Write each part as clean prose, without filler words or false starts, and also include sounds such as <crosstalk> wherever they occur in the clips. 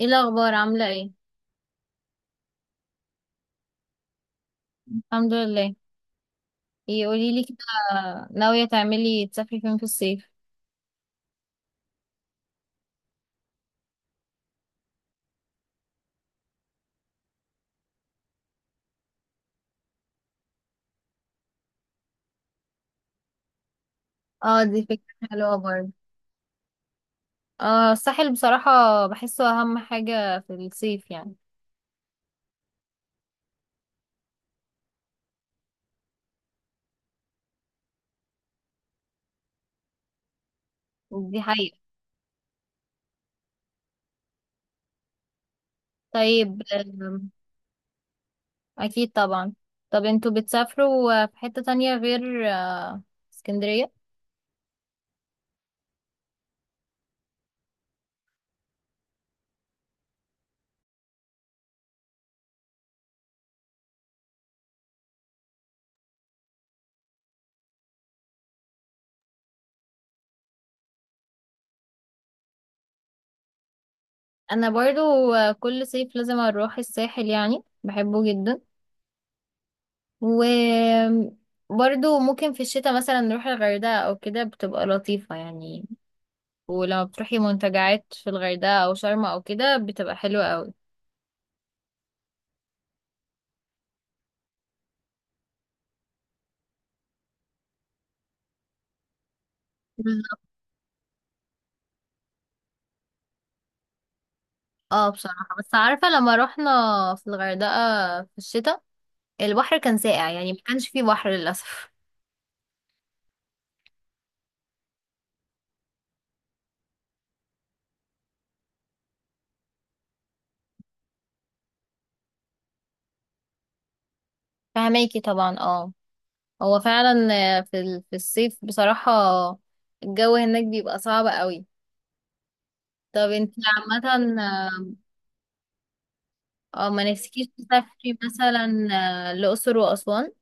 ايه الاخبار عامله ايه؟ الحمد لله. ايه قولي لي كده، ناويه تعملي تسافري فين في الصيف؟ اه دي فكره حلوه برضه. اه الساحل بصراحه، بحسه اهم حاجه في الصيف يعني. دي حقيقه. طيب اكيد طبعا. طب انتوا بتسافروا في حته تانية غير اسكندريه؟ انا برضو، كل صيف لازم اروح الساحل يعني بحبه جدا. و برضو ممكن في الشتاء مثلا نروح الغردقة او كده بتبقى لطيفة يعني. ولما بتروحي منتجعات في الغردقة أو شرم أو كده بتبقى حلوة قوي. بالظبط. اه بصراحة بس عارفة لما رحنا في الغردقة في الشتاء، البحر كان ساقع يعني ما كانش فيه بحر للأسف. <laughs> فهماكي طبعا اه، هو فعلا في الصيف بصراحة، الجو هناك بيبقى صعب قوي. طب انتي عامة اه، ما نفسكيش تسافري مثلا الأقصر وأسوان؟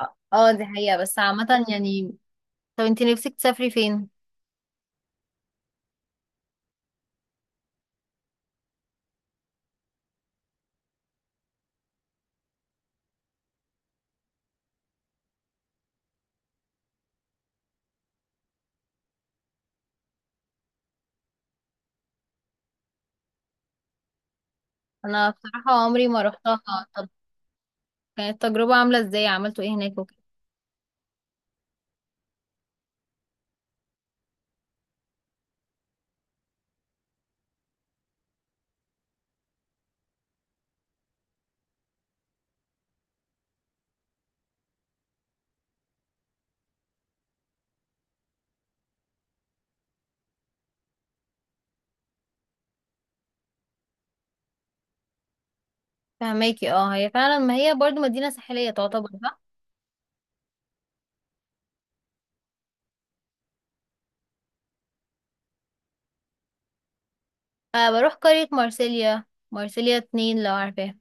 اه دي حقيقة بس عامة يعني. طب انتي نفسك تسافري فين؟ انا بصراحة عمري ما رحتها. طب كانت التجربة عاملة ازاي، عملتوا ايه هناك وكده؟ فهماكي اه، هي فعلا ما هي برضو مدينة ساحلية تعتبر صح؟ أه بروح قرية مارسيليا، مارسيليا اتنين لو عارفاها.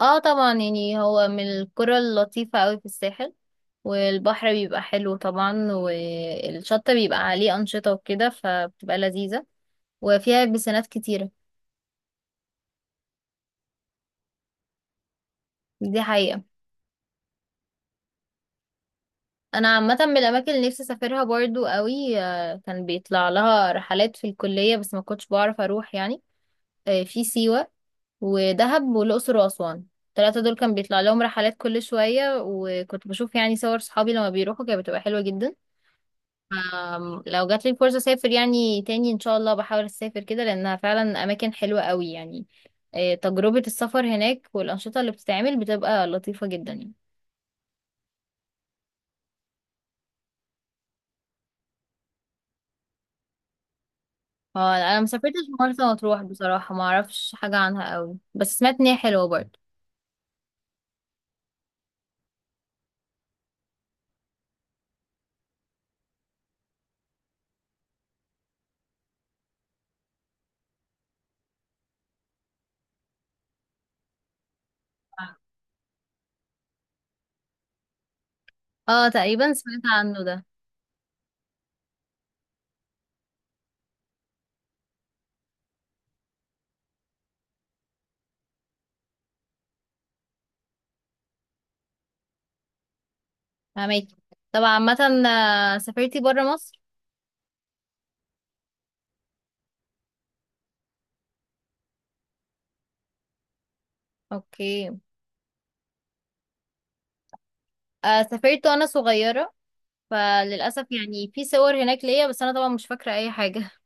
اه طبعا، يعني هو من القرى اللطيفة قوي في الساحل، والبحر بيبقى حلو طبعا والشط بيبقى عليه أنشطة وكده فبتبقى لذيذة، وفيها بسنات كتيرة. دي حقيقة. انا عامة من الاماكن اللي نفسي اسافرها برضو قوي، كان بيطلع لها رحلات في الكلية بس ما كنتش بعرف اروح يعني، في سيوة ودهب والأقصر وأسوان. الثلاثة دول كان بيطلع لهم رحلات كل شوية وكنت بشوف يعني صور صحابي لما بيروحوا كانت بتبقى حلوة جدا. لو جات لي الفرصة أسافر يعني تاني إن شاء الله بحاول أسافر كده لأنها فعلا أماكن حلوة قوي يعني. تجربة السفر هناك والأنشطة اللي بتتعمل بتبقى لطيفة جدا يعني. أنا مسافرتش مرسى مطروح بصراحة، معرفش حاجة عنها قوي بس سمعت إن هي حلوة برضه. اه تقريبا سمعت عنه ده. فهماكي. طب عامة سافرتي برا مصر؟ اوكي. آه سافرت وانا صغيرة، فللأسف يعني في صور هناك ليا بس انا طبعا مش فاكرة اي حاجة. <laughs>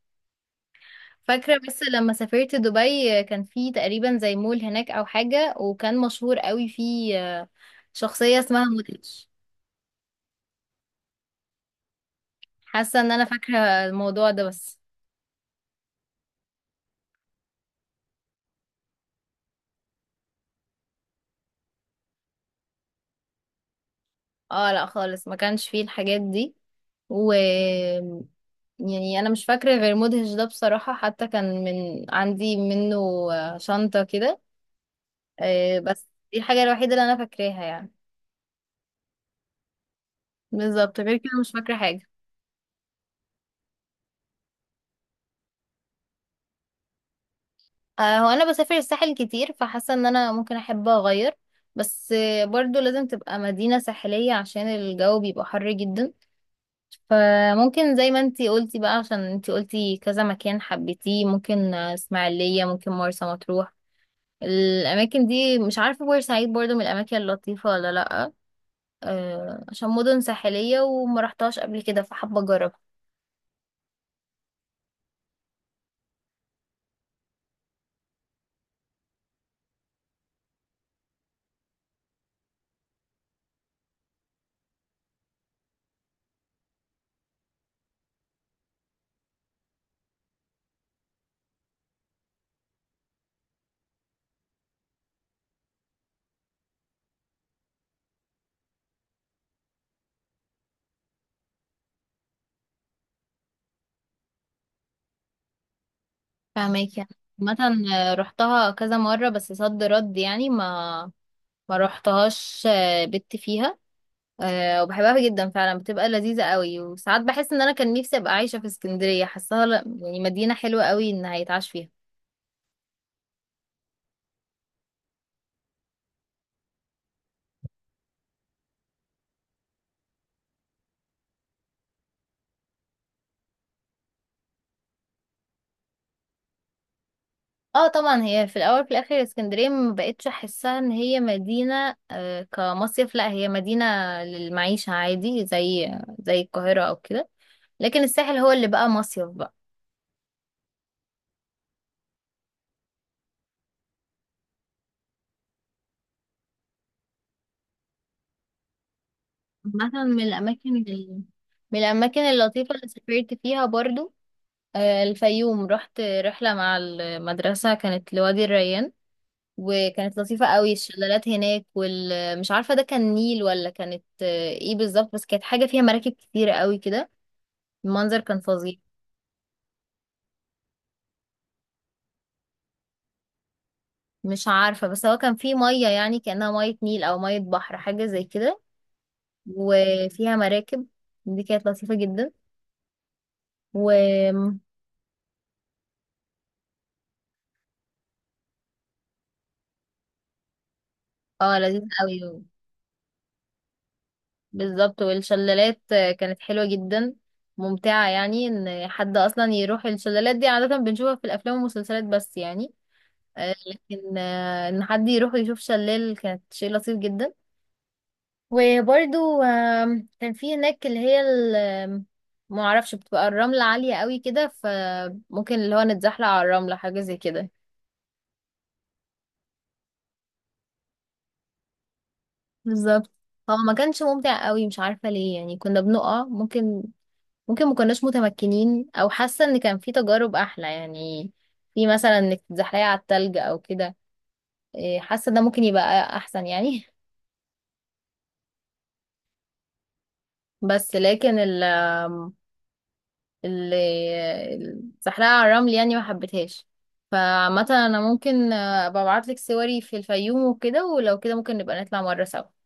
فاكرة بس لما سافرت دبي، كان في تقريبا زي مول هناك او حاجة وكان مشهور قوي في، آه، شخصية اسمها مودريتش. حاسة ان انا فاكرة الموضوع ده بس. اه لا خالص ما كانش فيه الحاجات دي. و يعني انا مش فاكرة غير مدهش ده بصراحة، حتى كان من عندي منه شنطة كده. بس دي الحاجة الوحيدة اللي انا فاكراها يعني. بالظبط غير كده مش فاكرة حاجة. هو أنا بسافر الساحل كتير فحاسة إن أنا ممكن أحب أغير، بس برضو لازم تبقى مدينة ساحلية عشان الجو بيبقى حر جدا. فممكن زي ما انتي قلتي بقى، عشان انتي قلتي كذا مكان حبيتيه، ممكن اسماعيلية، ممكن مرسى مطروح. الأماكن دي، مش عارفة بورسعيد برضو من الأماكن اللطيفة ولا لأ، عشان مدن ساحلية وما رحتهاش قبل كده فحابة أجربها. فاهمك يعني. عامة رحتها كذا مرة بس صد رد يعني ما روحتهاش، بت فيها، وبحبها جدا فعلا بتبقى لذيذة قوي، وساعات بحس ان انا كان نفسي ابقى عايشة في اسكندرية، حاساها لا- يعني مدينة حلوة قوي ان هيتعاش فيها. اه طبعا، هي في الاول في الاخر اسكندرية ما بقتش احسها ان هي مدينة كمصيف، لا هي مدينة للمعيشة عادي زي القاهرة او كده، لكن الساحل هو اللي بقى مصيف بقى. مثلا من الاماكن اللطيفة اللي سافرت فيها برضو الفيوم. رحت رحلة مع المدرسة كانت لوادي الريان وكانت لطيفة قوي، الشلالات هناك، والمش عارفة ده كان نيل ولا كانت ايه بالظبط، بس كانت حاجة فيها مراكب كتيرة قوي كده، المنظر كان فظيع. مش عارفة بس هو كان فيه مية يعني كأنها مية نيل أو مية بحر حاجة زي كده وفيها مراكب. دي كانت لطيفة جدا. و اه لذيذة قوي. بالظبط، والشلالات كانت حلوة جدا، ممتعة يعني ان حد اصلا يروح الشلالات، دي عادة بنشوفها في الافلام والمسلسلات بس يعني، لكن ان حد يروح يشوف شلال كانت شيء لطيف جدا. وبرده كان في هناك ما اعرفش بتبقى الرملة عالية قوي كده، فممكن اللي هو نتزحلق على الرملة حاجة زي كده. بالظبط. هو ما كانش ممتع قوي مش عارفة ليه، يعني كنا بنقع، ممكن ما كناش متمكنين او حاسه ان كان في تجارب احلى يعني، في مثلا انك تتزحلقي على التلج او كده، إيه، حاسه ده ممكن يبقى احسن يعني. <laughs> بس لكن ال ال- الزحلقه على الرمل يعني ما حبيتهاش. فعامه انا ممكن ابقى ابعتلك صوري في الفيوم وكده، ولو كده ممكن نبقى نطلع مره سوا.